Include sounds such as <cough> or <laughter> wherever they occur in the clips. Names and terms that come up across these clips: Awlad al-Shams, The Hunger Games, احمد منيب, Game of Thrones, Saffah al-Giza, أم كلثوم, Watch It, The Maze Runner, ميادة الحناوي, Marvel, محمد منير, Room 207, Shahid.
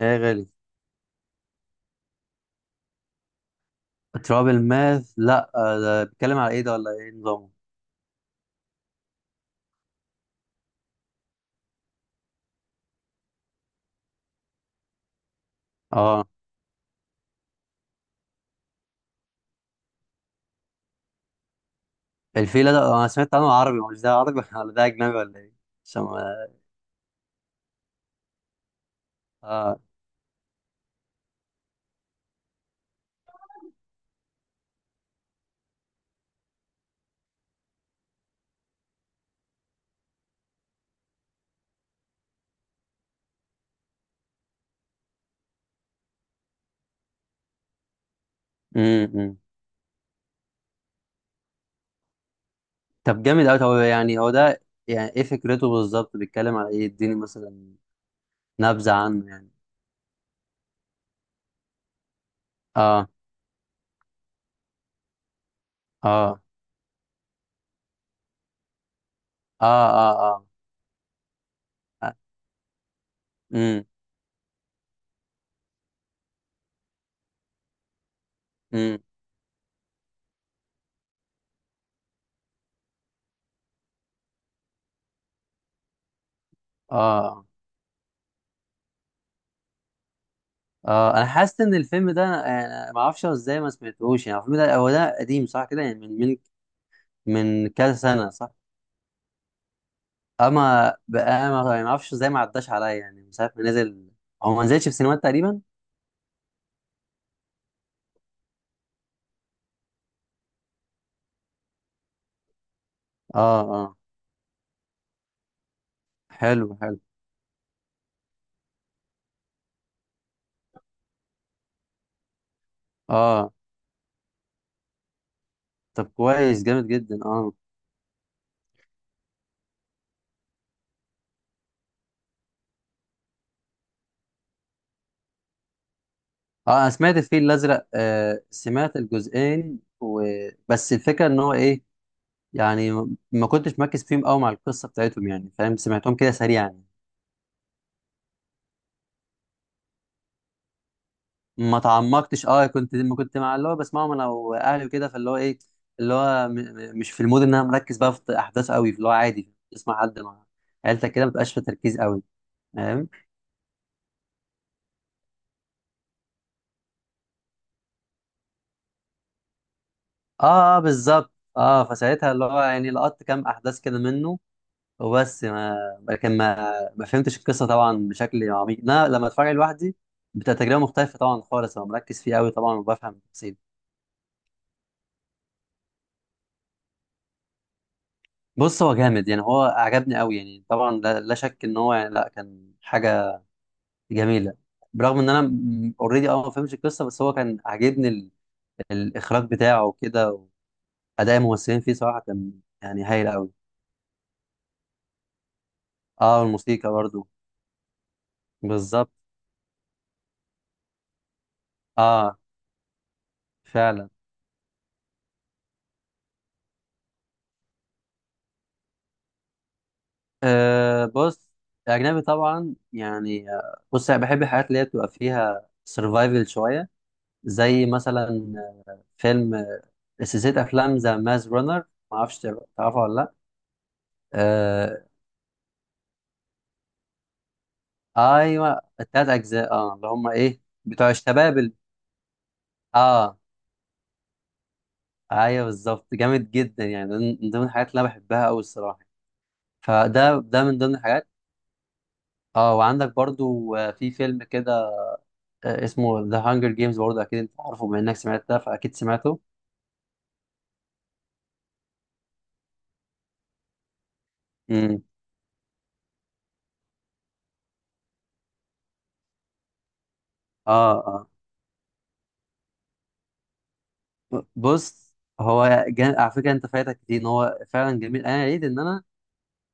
ايه يا غالي؟ تراب ماث، لا. ده بيتكلم على ايه ده، ولا ايه نظامه؟ اه. الفيلة ده انا سمعت عنه، عربي؟ مش ده عربي <laughs> ولا ده اجنبي ولا ايه؟ عشان ما- اه. امم طب جامد قوي. طب يعني هو ده، يعني ايه فكرته بالظبط؟ بيتكلم على ايه؟ اديني مثلا نبذة عنه يعني. اه. اه. اه. اه. اه. امم. امم. اه. اه. انا حاسس ان الفيلم ده، انا ما اعرفش ازاي ما سمعتهوش. يعني الفيلم ده، هو ده قديم صح كده؟ يعني من كذا سنة، صح؟ اما بقى ما اعرفش ازاي ما عداش عليا، يعني من ساعه ما نزل. هو ما نزلش في سينمات تقريبا. اه. اه. حلو حلو. اه. طب كويس، جامد جدا. اه. اه، انا سمعت الفيل الازرق، سمعت الجزئين و. بس الفكره ان هو ايه، يعني ما كنتش مركز فيهم قوي مع القصه بتاعتهم، يعني فاهم؟ سمعتهم كده سريعا. ما تعمقتش. اه، ما كنت مع اللي هو بسمعهم انا واهلي وكده، فاللي هو ايه، اللي هو مش في المود ان انا مركز بقى في احداث قوي. اللي هو عادي تسمع حد مع عيلتك كده، ما تبقاش في تركيز قوي. فاهم؟ اه، بالظبط. اه، فساعتها اللي هو يعني لقطت كام احداث كده منه، وبس ما لكن ما فهمتش القصه طبعا بشكل عميق. انا لما اتفرج لوحدي، بتبقى تجربه مختلفه طبعا خالص. انا مركز فيه قوي طبعا وبفهم التفاصيل. بص هو جامد، يعني هو عجبني قوي يعني طبعا. لا، لا شك ان هو يعني لا، كان حاجه جميله. برغم ان انا اوريدي ما فهمتش القصه، بس هو كان عاجبني الاخراج بتاعه وكده. واداء الممثلين فيه صراحه كان يعني هايل قوي. اه، والموسيقى برضو. بالظبط. اه، فعلا. بص، اجنبي طبعا يعني. بص انا بحب الحاجات اللي هي بتبقى فيها سرفايفل شويه. زي مثلا آه، فيلم سلسله افلام ذا ماز رانر، ما اعرفش تعرفها ولا لا. آه. ايوه، التلات اجزاء. اه، اللي هم ايه، بتوع الشباب. اه، ايوه بالظبط، جامد جدا. يعني ده من ضمن الحاجات اللي انا بحبها قوي الصراحه. فده من ضمن الحاجات. اه، وعندك برضو في فيلم كده، اسمه ذا هانجر جيمز. برضو اكيد انت عارفه، بما انك سمعت ده فاكيد سمعته. امم. اه. اه. بص هو على فكره، انت فايتك كتير ان هو فعلا جميل. انا عيد ان انا،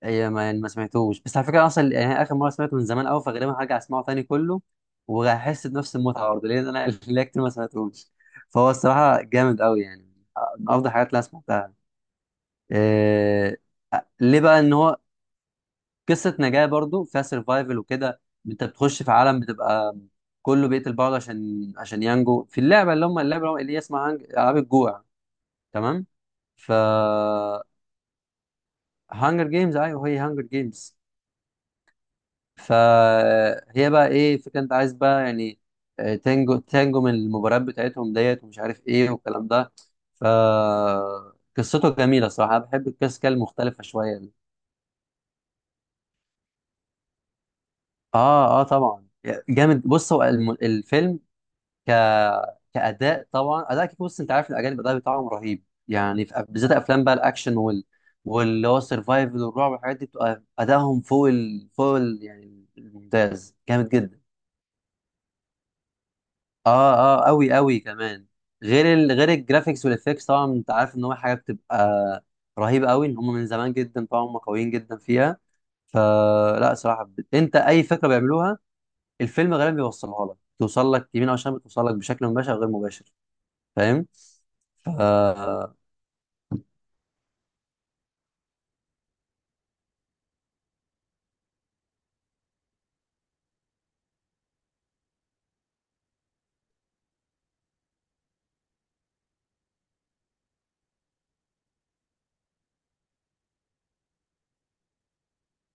هي ما يعني ما سمعتوش. بس على فكره اصلا يعني اخر مره سمعته من زمان قوي، فغالبا هرجع اسمعه تاني كله، وهحس بنفس المتعه برضه لان انا <laughs> ليا كتير ما سمعتوش. فهو الصراحه جامد قوي، يعني من افضل الحاجات اللي انا سمعتها. إيه... ليه بقى ان هو قصه نجاه برضه فيها سرفايفل وكده. انت بتخش في عالم بتبقى كله بيقتل بعض، عشان ينجو في اللعبه، اللي هم اللعبه اللي هي اسمها العاب الجوع. تمام. ف. هانجر جيمز. ايوه، هي هانجر جيمز. فهي بقى ايه فكرة، انت عايز بقى يعني تنجو تنجو من المباريات بتاعتهم، ديت ومش عارف ايه والكلام ده. ف. قصته جميلة صراحة. انا بحب القصص كده المختلفة شوية دي. اه. اه طبعا. جامد. بص هو الفيلم ك كأداء طبعا، أداء كيك. بص انت عارف الأجانب الأداء بتاعهم رهيب. يعني في بالذات أفلام بقى الأكشن، واللي هو السرفايفل والرعب والحاجات دي، بتبقى أدائهم يعني الممتاز، جامد جدا. اه. اه قوي قوي كمان. غير الجرافيكس والافكتس طبعا، انت عارف ان هو حاجه بتبقى رهيبه قوي. ان هم من زمان جدا طبعا هم قويين جدا فيها. فلا صراحه، انت اي فكره بيعملوها الفيلم غالبا بيوصلها لك. توصل لك يمين او شمال، بتوصل لك بشكل مباشر او غير مباشر. فاهم؟ ف.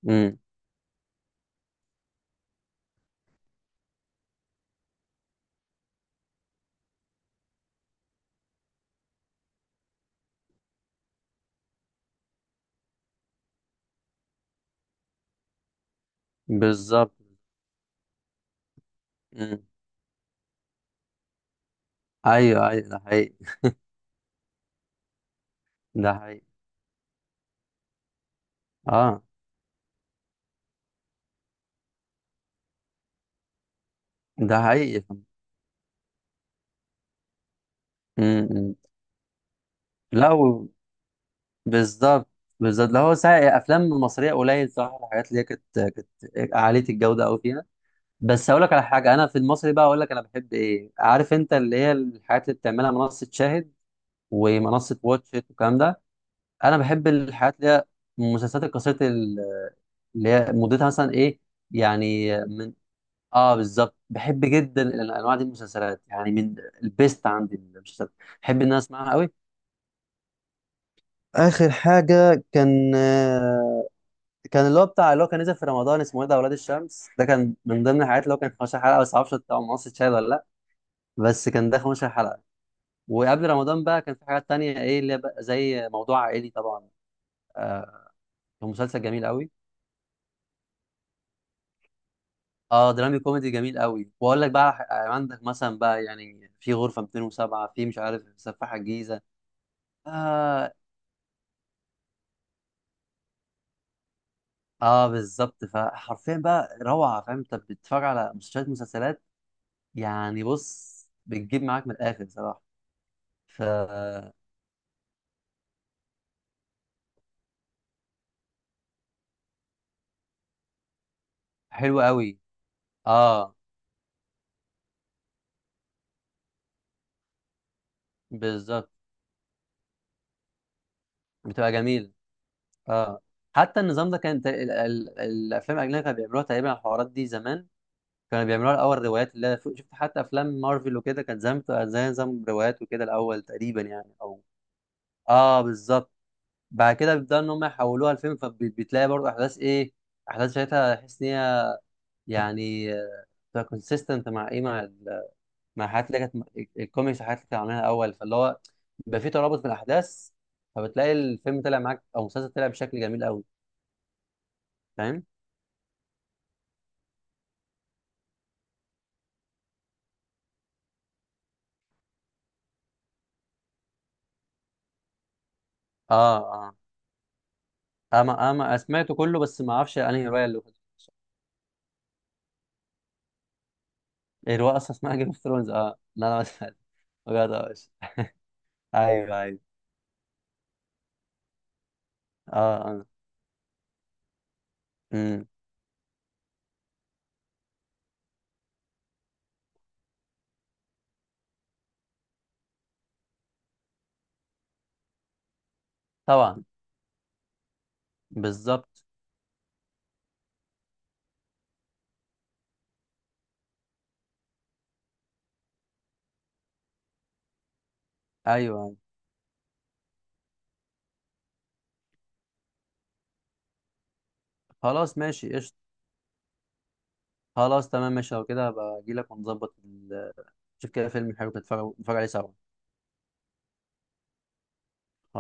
امم. بالظبط. امم. ايوه، ايوه، ده حقيقي. ده حقيقي. اه، ده حقيقي. امم. أمم. لا. بالظبط بالظبط. اللي هو ساعة افلام مصريه قليل صراحه الحاجات اللي هي كانت عاليه الجوده قوي فيها. بس اقول لك على حاجه، انا في المصري بقى اقول لك انا بحب ايه، عارف انت، اللي هي الحاجات اللي بتعملها منصه شاهد ومنصه واتش إت والكلام ده. انا بحب الحاجات اللي هي المسلسلات القصيره، اللي هي مدتها مثلا ايه، يعني من. اه، بالظبط. بحب جدا الانواع دي من المسلسلات، يعني من البيست عندي المسلسلات بحب ان انا اسمعها قوي. اخر حاجه كان اللي هو كان نزل في رمضان، اسمه ايه ده، اولاد الشمس. ده كان من ضمن الحاجات، اللي هو كان 15 حلقه. بس معرفش بتاع مصر شاهد ولا لا. بس كان ده 15 حلقه. وقبل رمضان بقى كان في حاجات تانية، ايه اللي هي بقى زي موضوع عائلي طبعا. آه كان مسلسل جميل قوي. اه، درامي كوميدي جميل قوي. واقول لك بقى، عندك مثلا بقى يعني في غرفه 207، في مش عارف سفاح الجيزه. اه. اه بالظبط. فحرفيا بقى روعه. فاهم، انت بتتفرج على مسلسلات مسلسلات يعني، بص بتجيب معاك من الاخر صراحه. ف. حلو قوي. اه، بالظبط. بتبقى جميله. اه. حتى النظام ده كان الافلام الاجنبيه كانوا بيعملوها تقريبا الحوارات دي زمان. كانوا بيعملوها الاول روايات. اللي أنا شفت حتى افلام مارفل وكده كانت زمان بتبقى زي نظام روايات وكده الاول تقريبا يعني، او. اه، بالظبط. بعد كده بيبداوا ان هم يحولوها لفيلم، فبتلاقي برضه احداث، ايه احداث ساعتها تحس ان هي يعني كونسيستنت مع، ايه مع مع الحاجات اللي كانت الكوميكس والحاجات اللي كانوا عاملينها الاول. فاللي هو بيبقى فيه ترابط في الاحداث، فبتلاقي الفيلم طلع معاك او المسلسل طلع بشكل جميل قوي. فاهم؟ اه. اه. اما سمعته كله، بس ما اعرفش انهي روايه اللي كنت بتقرأها. الروايه اصلا اسمها جيم اوف ثرونز؟ اه لا، انا ما سمعت بجد. ماشي. ايوه، ايوه. اه. اه. امم. طبعا. بالظبط. ايوه. أيوة. خلاص، ماشي قشطه. خلاص تمام، ماشي. لو كده هبقى اجي لك ونظبط نشوف كده فيلم حلو، نتفرج عليه سوا.